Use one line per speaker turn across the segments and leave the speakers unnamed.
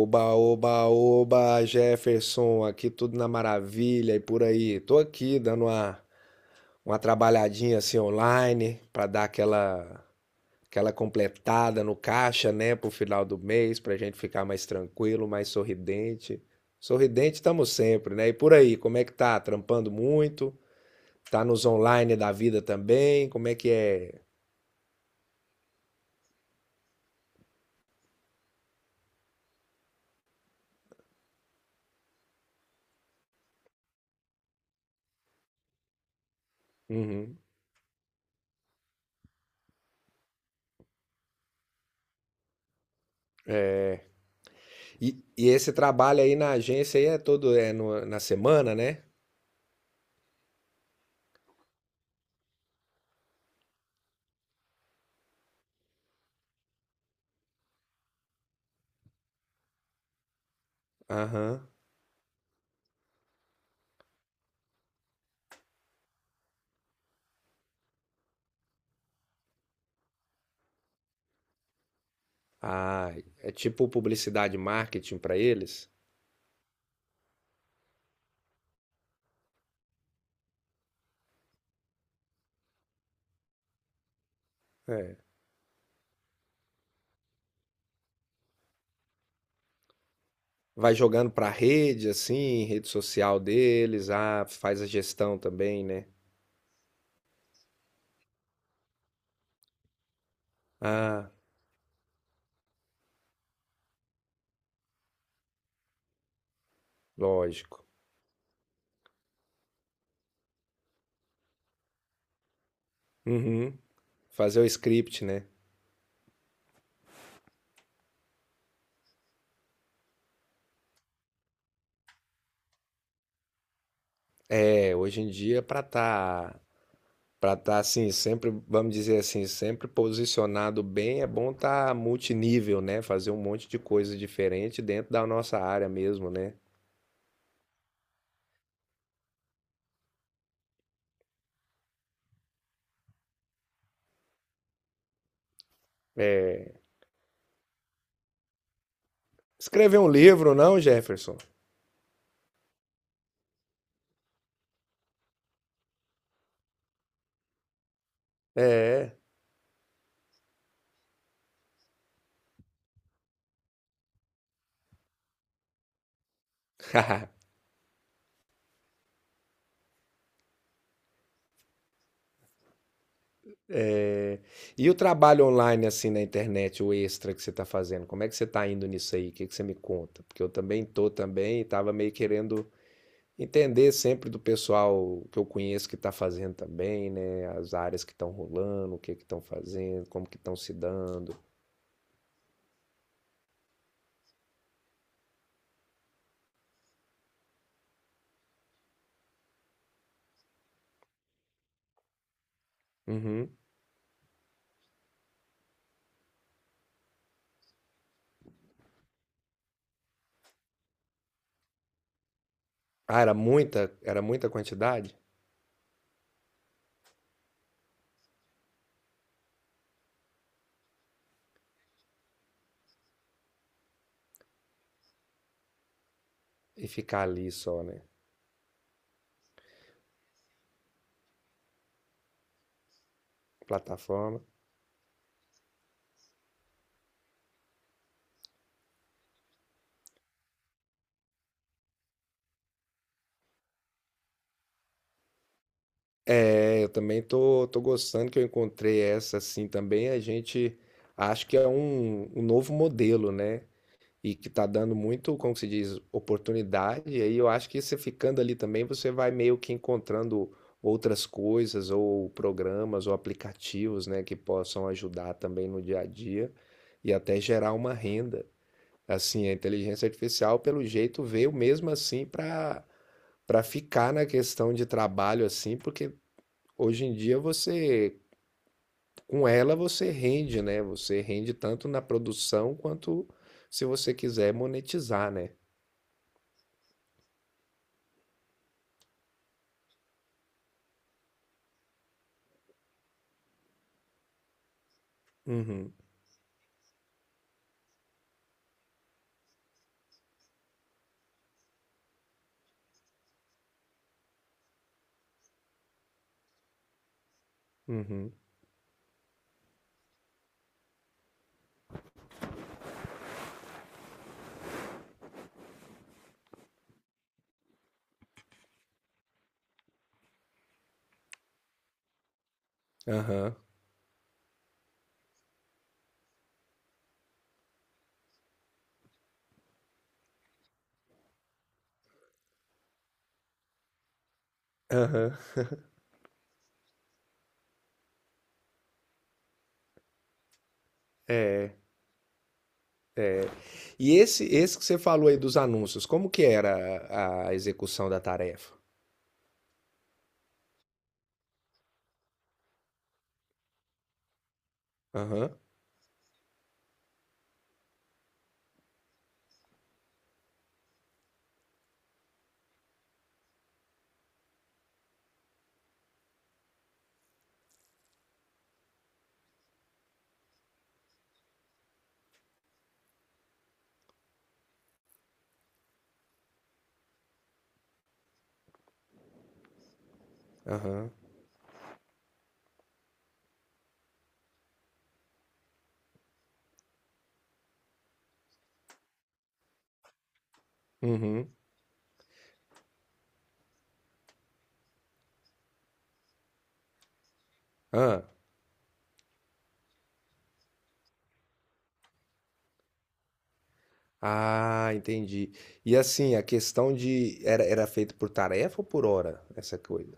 Oba, oba, oba, Jefferson, aqui tudo na maravilha e por aí. Tô aqui dando uma trabalhadinha assim online pra dar aquela completada no caixa, né, pro final do mês, pra gente ficar mais tranquilo, mais sorridente. Sorridente estamos sempre, né? E por aí, como é que tá? Trampando muito? Tá nos online da vida também? Como é que é? Uhum. É. E esse trabalho aí na agência aí é todo é na semana, né? Aham. Ah, é tipo publicidade e marketing para eles? É. Vai jogando para rede, assim, rede social deles. Ah, faz a gestão também, né? Ah, lógico. Uhum. Fazer o script, né? É, hoje em dia, para tá assim, sempre, vamos dizer assim, sempre posicionado bem, é bom tá multinível, né? Fazer um monte de coisa diferente dentro da nossa área mesmo, né? É. Escrever um livro, não, Jefferson? É. É, e o trabalho online, assim, na internet, o extra que você está fazendo, como é que você está indo nisso aí? O que que você me conta? Porque eu também tô também e estava meio querendo entender sempre do pessoal que eu conheço que está fazendo também, né? As áreas que estão rolando, o que que estão fazendo, como que estão se dando. Uhum. Ah, era muita quantidade? E ficar ali só, né? Plataforma. É, eu também tô gostando que eu encontrei essa assim também. A gente acha que é um novo modelo, né? E que tá dando muito, como que se diz, oportunidade. E aí eu acho que você ficando ali também, você vai meio que encontrando outras coisas, ou programas, ou aplicativos, né, que possam ajudar também no dia a dia e até gerar uma renda. Assim, a inteligência artificial, pelo jeito, veio mesmo assim para ficar na questão de trabalho assim, porque hoje em dia você, com ela você rende, né? Você rende tanto na produção quanto se você quiser monetizar, né? Uhum, uhum, aham, aham. E esse que você falou aí dos anúncios, como que era a execução da tarefa? Aham, aham, uhum, ah, ah, entendi. E assim, a questão de, era feito por tarefa ou por hora, essa coisa?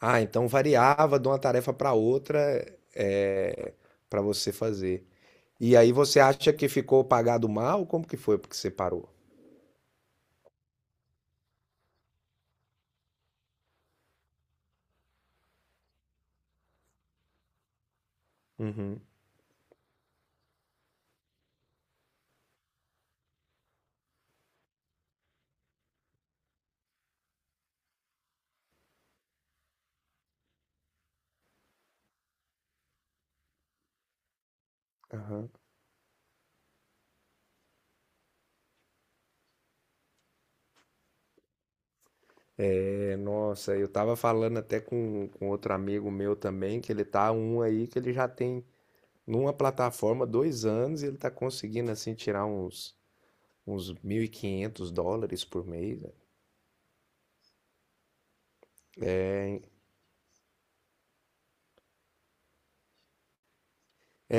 Ah, então variava de uma tarefa para outra, é, para você fazer. E aí você acha que ficou pagado mal? Como que foi porque você parou? Uhum. Aham. É, nossa, eu tava falando até com outro amigo meu também, que ele tá um aí que ele já tem numa plataforma 2 anos e ele tá conseguindo assim tirar uns US$ 1.500 por mês.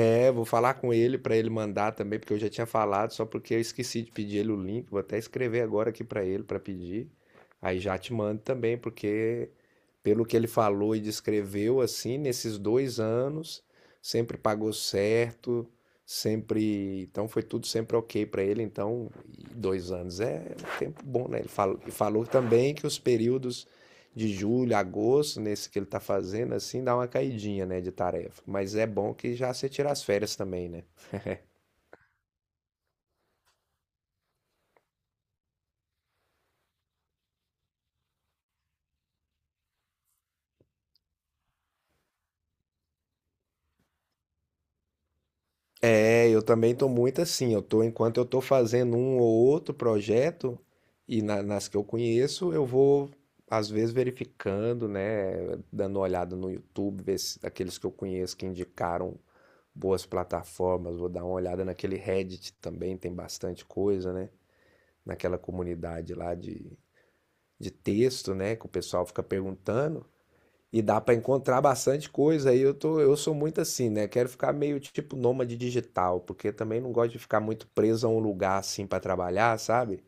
É, vou falar com ele para ele mandar também, porque eu já tinha falado, só porque eu esqueci de pedir ele o link. Vou até escrever agora aqui para ele para pedir. Aí já te mando também, porque pelo que ele falou e descreveu, assim, nesses 2 anos, sempre pagou certo, sempre. Então foi tudo sempre ok para ele. Então, 2 anos é um tempo bom, né? Ele falou, e falou também que os períodos de julho, agosto, nesse que ele tá fazendo, assim, dá uma caidinha, né, de tarefa. Mas é bom que já você tira as férias também, né? É, eu também tô muito assim, eu tô, enquanto eu tô fazendo um ou outro projeto, e nas que eu conheço, eu vou, às vezes, verificando, né, dando uma olhada no YouTube, ver se aqueles que eu conheço que indicaram boas plataformas, vou dar uma olhada naquele Reddit também, tem bastante coisa, né, naquela comunidade lá de texto, né, que o pessoal fica perguntando, e dá para encontrar bastante coisa. Aí eu tô, eu sou muito assim, né? Quero ficar meio tipo nômade digital, porque também não gosto de ficar muito preso a um lugar assim para trabalhar, sabe?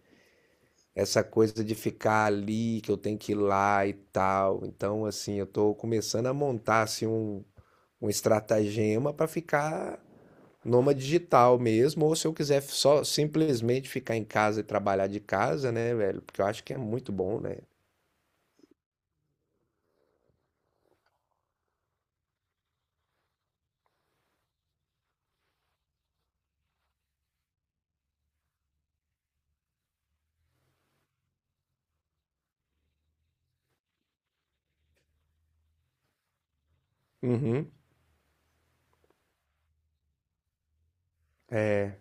Essa coisa de ficar ali, que eu tenho que ir lá e tal. Então, assim, eu tô começando a montar assim um estratagema para ficar nômade digital mesmo, ou se eu quiser só simplesmente ficar em casa e trabalhar de casa, né, velho? Porque eu acho que é muito bom, né? Uhum. É.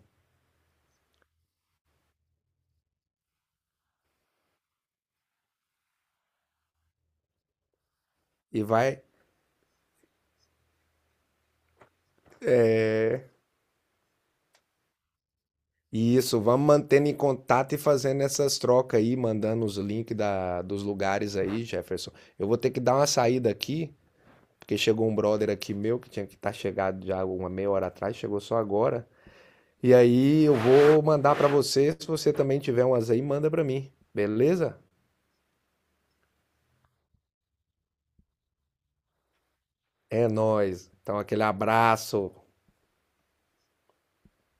E vai. Isso, vamos mantendo em contato e fazendo essas trocas aí, mandando os links dos lugares aí, Jefferson. Eu vou ter que dar uma saída aqui, porque chegou um brother aqui meu que tinha que estar chegado já uma meia hora atrás, chegou só agora. E aí eu vou mandar pra você, se você também tiver umas aí, manda pra mim, beleza? É nóis. Então aquele abraço.